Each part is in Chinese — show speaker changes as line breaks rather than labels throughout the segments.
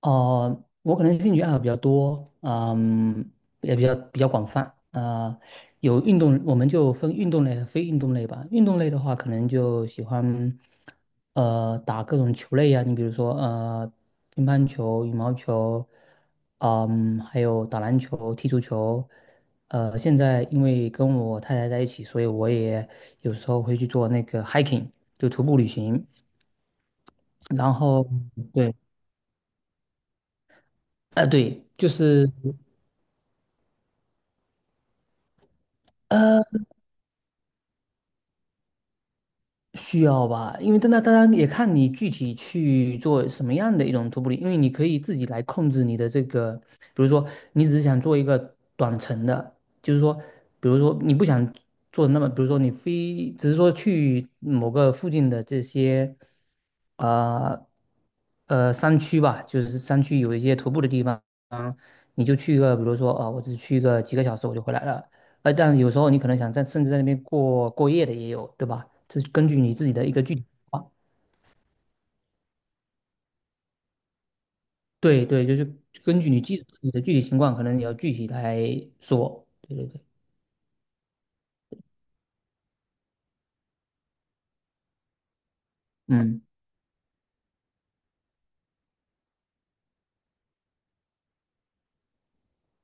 哦，我可能兴趣爱好比较多，嗯，也比较广泛啊、呃有运动，我们就分运动类和非运动类吧。运动类的话，可能就喜欢打各种球类呀、你比如说乒乓球、羽毛球，还有打篮球、踢足球。现在因为跟我太太在一起，所以我也有时候会去做那个 hiking,就徒步旅行。然后对，对，就是。呃。需要吧，因为但那当然也看你具体去做什么样的一种徒步旅，因为你可以自己来控制你的这个，比如说你只是想做一个短程的，就是说，比如说你不想做那么，比如说你非只是说去某个附近的这些，呃山区吧，就是山区有一些徒步的地方，你就去一个，比如说啊、我只去一个几个小时我就回来了，但有时候你可能想在甚至在那边过过夜的也有，对吧？这是根据你自己的一个具体情况。对对，就是根据你的具体情况，可能你要具体来说。对对对，嗯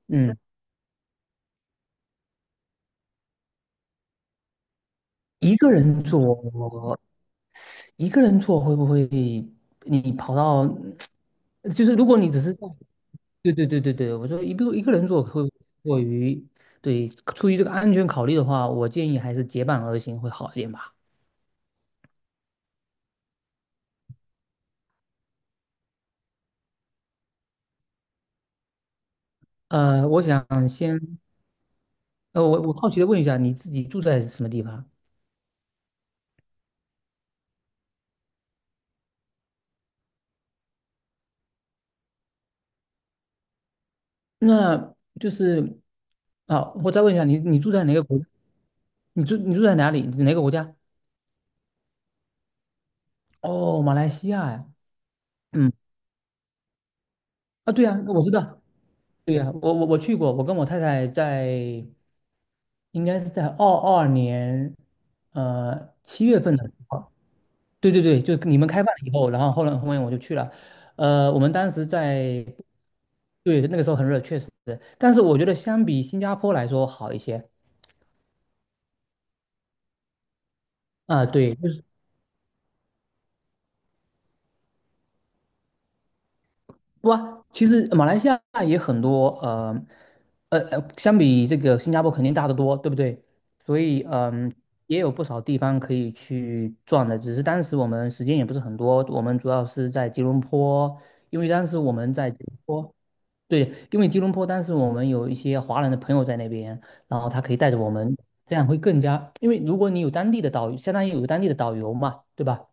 嗯，一个人做，一个人做会不会你跑到，就是如果你只是在，对对对对对，我说一个人做会过于，对，出于这个安全考虑的话，我建议还是结伴而行会好一点吧。我想先。我好奇的问一下，你自己住在什么地方？那就是啊，我再问一下你，你住在哪个国？你住在哪里？哪个国家？哦，马来西亚呀。嗯，啊，对呀，我知道。对呀，我去过，我跟我太太在应该是在22年7月份的时候，对对对，就你们开放了以后，然后后来后面我就去了。我们当时在对那个时候很热，确实，但是我觉得相比新加坡来说好一些。啊，对，哇，其实马来西亚也很多，相比这个新加坡肯定大得多，对不对？所以，嗯、也有不少地方可以去转的，只是当时我们时间也不是很多，我们主要是在吉隆坡，因为当时我们在吉隆坡，对，因为吉隆坡当时我们有一些华人的朋友在那边，然后他可以带着我们，这样会更加，因为如果你有当地的导游，相当于有个当地的导游嘛，对吧？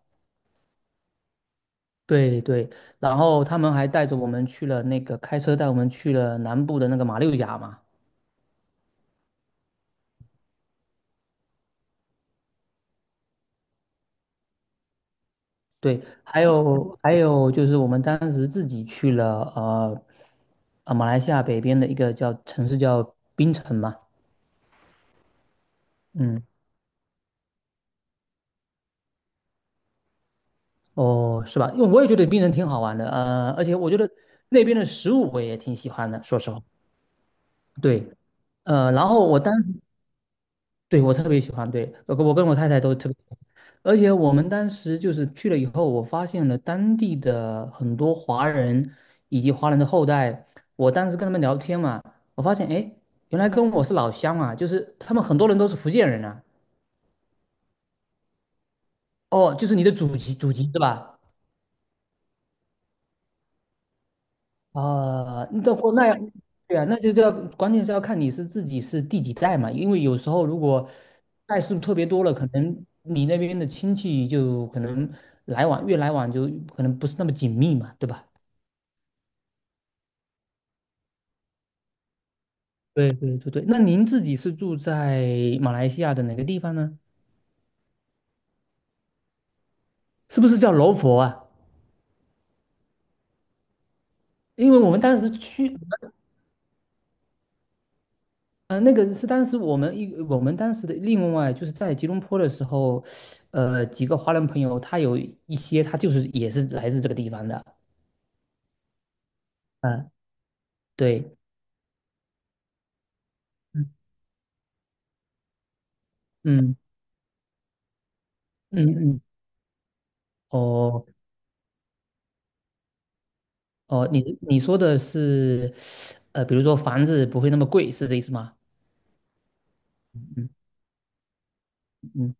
对对，然后他们还带着我们去了那个开车带我们去了南部的那个马六甲嘛，对，还有还有就是我们当时自己去了马来西亚北边的一个叫城市叫槟城嘛，嗯，哦是吧？因为我也觉得槟城挺好玩的，呃，而且我觉得那边的食物我也挺喜欢的，说实话，对，然后我当时对，我特别喜欢，对，我跟我太太都特别喜欢，而且我们当时就是去了以后，我发现了当地的很多华人以及华人的后代。我当时跟他们聊天嘛，我发现，哎，诶原来跟我是老乡啊，就是他们很多人都是福建人啊。哦，就是你的祖籍，祖籍是吧？啊，那国那对啊，那就叫关键是要看你是自己是第几代嘛，因为有时候如果代数特别多了，可能你那边的亲戚就可能来往越来往就可能不是那么紧密嘛，对吧？对对对对，那您自己是住在马来西亚的哪个地方呢？是不是叫柔佛啊？因为我们当时去嗯，那个是当时我们当时的另外就是在吉隆坡的时候，呃，几个华人朋友，他有一些他就是也是来自这个地方的，嗯，对，嗯嗯嗯嗯，哦哦，你你说的是呃，比如说房子不会那么贵，是这意思吗？嗯嗯，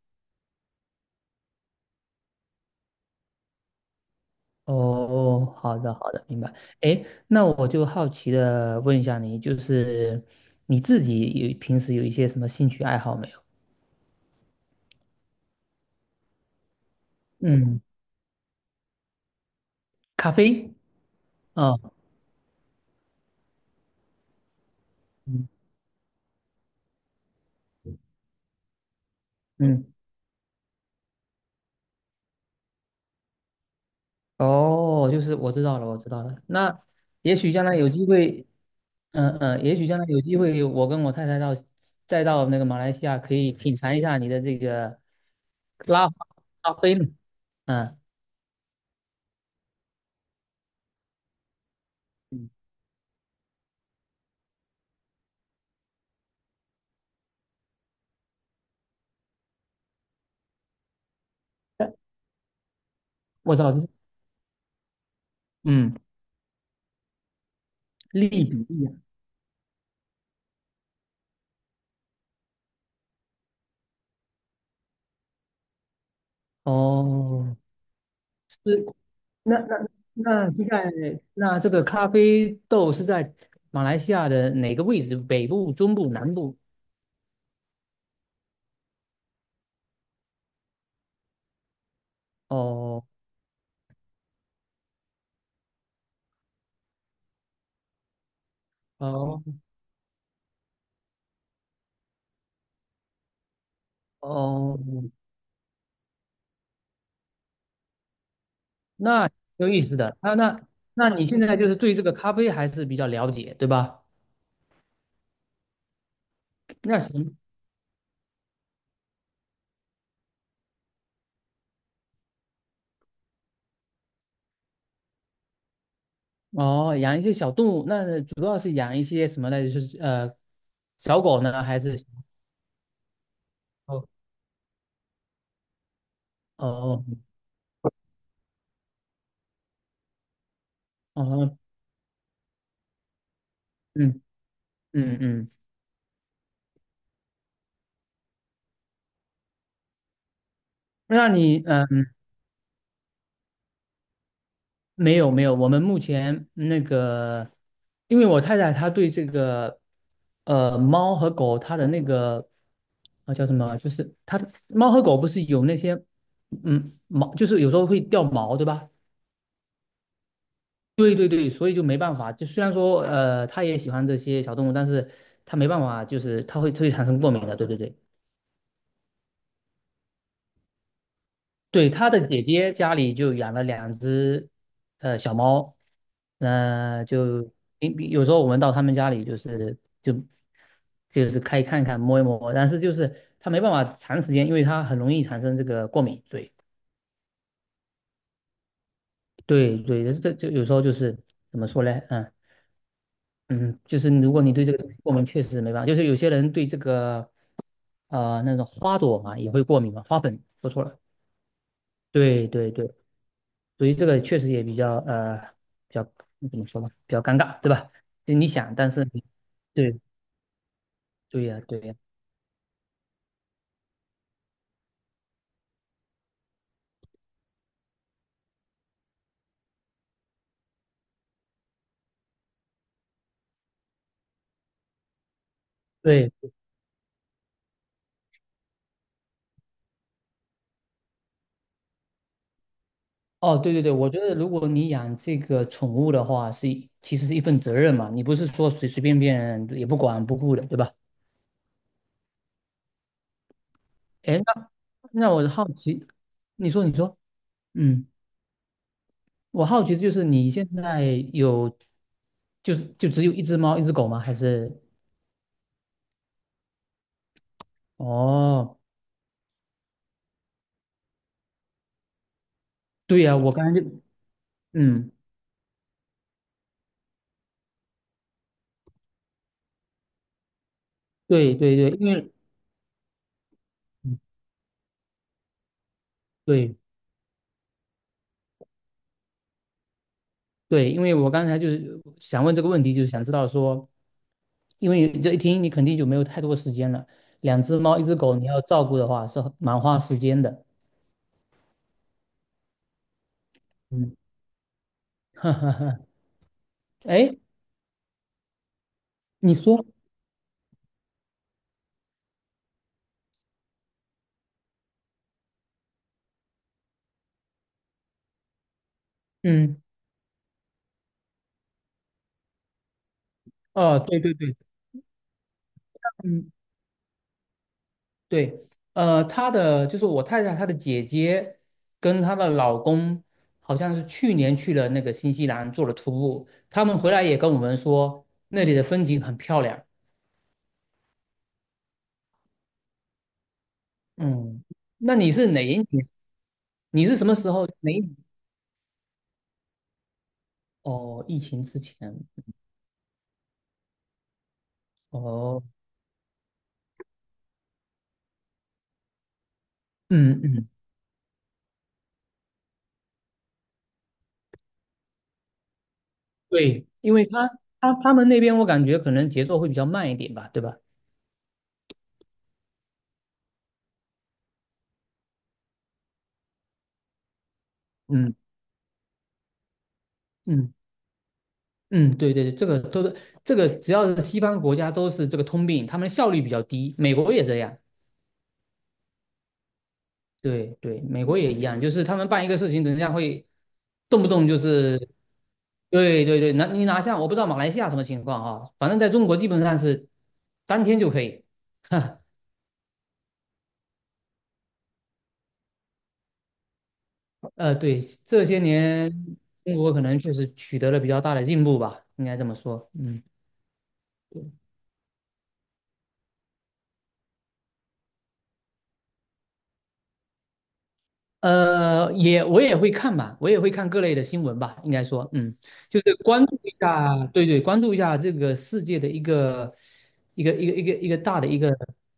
哦，好的好的，明白。哎，那我就好奇的问一下你，就是你自己有平时有一些什么兴趣爱好没有？嗯，咖啡。哦嗯，哦，就是我知道了，我知道了。那也许将来有机会，嗯、嗯、也许将来有机会，我跟我太太到再到那个马来西亚，可以品尝一下你的这个拉花咖啡呢。嗯，我操，这是嗯，利比利亚。哦，是那那那是在那这个咖啡豆是在马来西亚的哪个位置？北部、中部、南部？哦哦哦，那有意思的，那那那你现在就是对这个咖啡还是比较了解，对吧？那行，哦，养一些小动物，那主要是养一些什么呢？就是呃，小狗呢，还是小猫哦哦哦，嗯嗯嗯，那你没有没有，我们目前那个，因为我太太她对这个，呃，猫和狗它的那个，啊叫什么？就是它的猫和狗不是有那些，嗯，毛就是有时候会掉毛，对吧？对对对，所以就没办法。就虽然说，她也喜欢这些小动物，但是她没办法，就是它会产生过敏的。对对对。对，他的姐姐家里就养了两只小猫，就因有时候我们到他们家里就是可以看看摸一摸，但是就是他没办法长时间，因为他很容易产生这个过敏。对对对，这就有时候就是怎么说呢？嗯嗯，就是如果你对这个过敏，确实没办法。就是有些人对这个那种花朵嘛也会过敏嘛，花粉说错了。对对对所以这个确实也比较比较怎么说呢，比较尴尬，对吧？就你想，但是你对对呀、对呀、对哦，对对对，我觉得如果你养这个宠物的话，其实是一份责任嘛，你不是说随随便便也不管不顾的，对吧？哎，那我好奇，你说你说，嗯，我好奇的就是你现在有就只有一只猫一只狗吗？还是哦，对呀、我刚才就嗯，对对对，因为嗯对。对，因为我刚才就是想问这个问题，就是想知道说，因为这一听你肯定就没有太多时间了，两只猫一只狗你要照顾的话是很蛮花时间的。嗯，哈哈哈。哎，你说，嗯，哦，对对对，嗯，对，呃，她的就是我太太她的姐姐跟她的老公好像是去年去了那个新西兰做了徒步，他们回来也跟我们说那里的风景很漂亮。嗯，那你是哪一年？你是什么时候？哪一年？哦，疫情之前。哦，嗯嗯，对，因为他们那边我感觉可能节奏会比较慢一点吧，对吧？嗯嗯嗯，对对对，这个都是这个，只要是西方国家都是这个通病，他们效率比较低，美国也这样。对对，美国也一样，就是他们办一个事情，人家会动不动就是，对对对，拿你拿下，我不知道马来西亚什么情况啊，反正在中国基本上是当天就可以。对，这些年中国可能确实取得了比较大的进步吧，应该这么说。嗯，我也会看吧，我也会看各类的新闻吧，应该说，嗯，就是关注一下，对对，关注一下这个世界的一个一个大的一个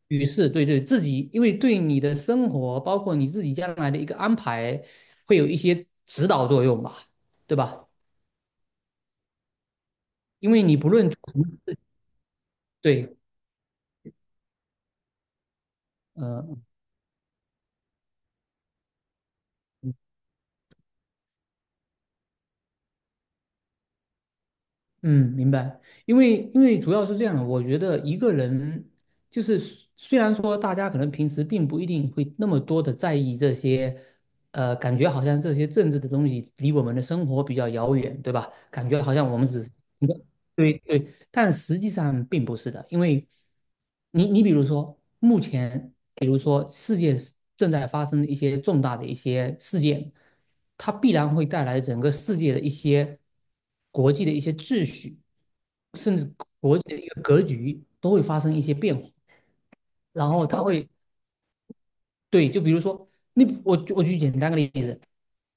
局势，对对，自己因为对你的生活，包括你自己将来的一个安排，会有一些指导作用吧，对吧？因为你不论从对，嗯、嗯，明白。因为主要是这样的，我觉得一个人就是虽然说大家可能平时并不一定会那么多的在意这些，感觉好像这些政治的东西离我们的生活比较遥远，对吧？感觉好像我们只是一个对对，但实际上并不是的，因为你比如说，目前比如说世界正在发生一些重大的一些事件，它必然会带来整个世界的一些国际的一些秩序，甚至国际的一个格局都会发生一些变化。然后它会对，就比如说，你我举简单的例子，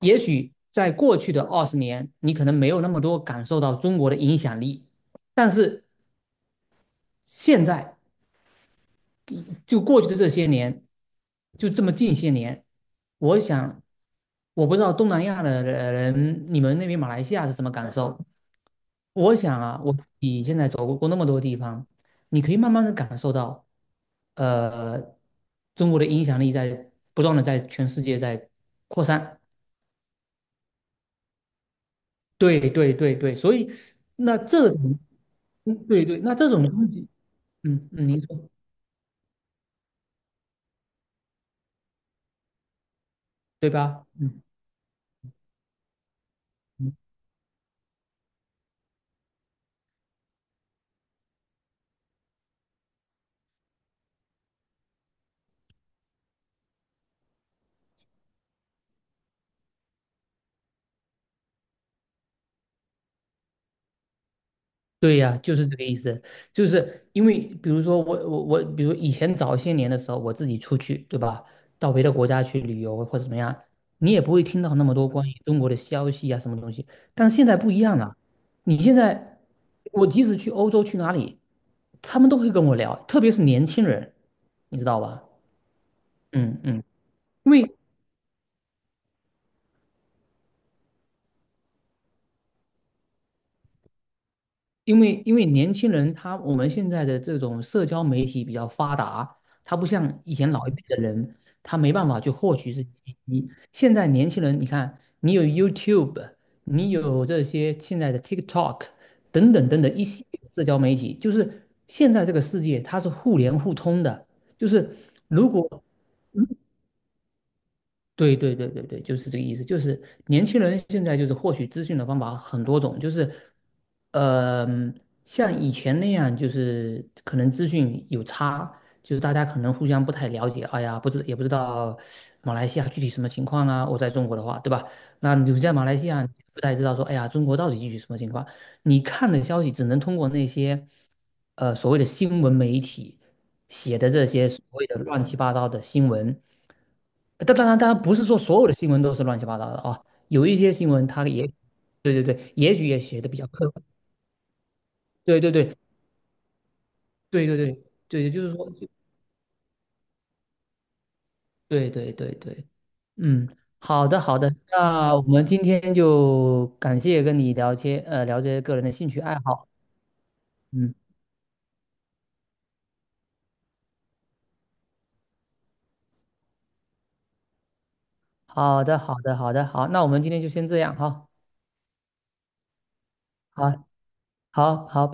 也许在过去的二十年，你可能没有那么多感受到中国的影响力，但是现在就过去的这些年，就这么近些年，我想，我不知道东南亚的人，你们那边马来西亚是什么感受？我想啊，我你现在走过那么多地方，你可以慢慢的感受到，呃，中国的影响力在不断的在全世界在扩散。对对对对，所以那这种，嗯，对对，那这种东西，嗯嗯，您说对吧？嗯嗯。对呀，就是这个意思，就是因为比如说我，比如以前早些年的时候，我自己出去，对吧？到别的国家去旅游或者怎么样，你也不会听到那么多关于中国的消息啊，什么东西。但是现在不一样了，你现在我即使去欧洲去哪里，他们都会跟我聊，特别是年轻人，你知道吧？嗯嗯，因为因为年轻人他我们现在的这种社交媒体比较发达，他不像以前老一辈的人，他没办法去获取信息。现在年轻人，你看，你有 YouTube，你有这些现在的 TikTok 等等等等一系列的社交媒体，就是现在这个世界它是互联互通的，就是如果对对对对对，就是这个意思。就是年轻人现在就是获取资讯的方法很多种，就是，呃，像以前那样，就是可能资讯有差，就是大家可能互相不太了解。哎呀，不知也不知道马来西亚具体什么情况啊。我在中国的话，对吧？那你在马来西亚你不太知道说，哎呀，中国到底具体什么情况？你看的消息只能通过那些，所谓的新闻媒体写的这些所谓的乱七八糟的新闻。当然，当然不是说所有的新闻都是乱七八糟的啊，有一些新闻它也，对对对，也许也写的比较客观，对对对对对对对，就是说，对对对对，嗯，好的好的，那我们今天就感谢跟你聊些聊这些个人的兴趣爱好，嗯，好的好的好的好，那我们今天就先这样哈，好好好，拜。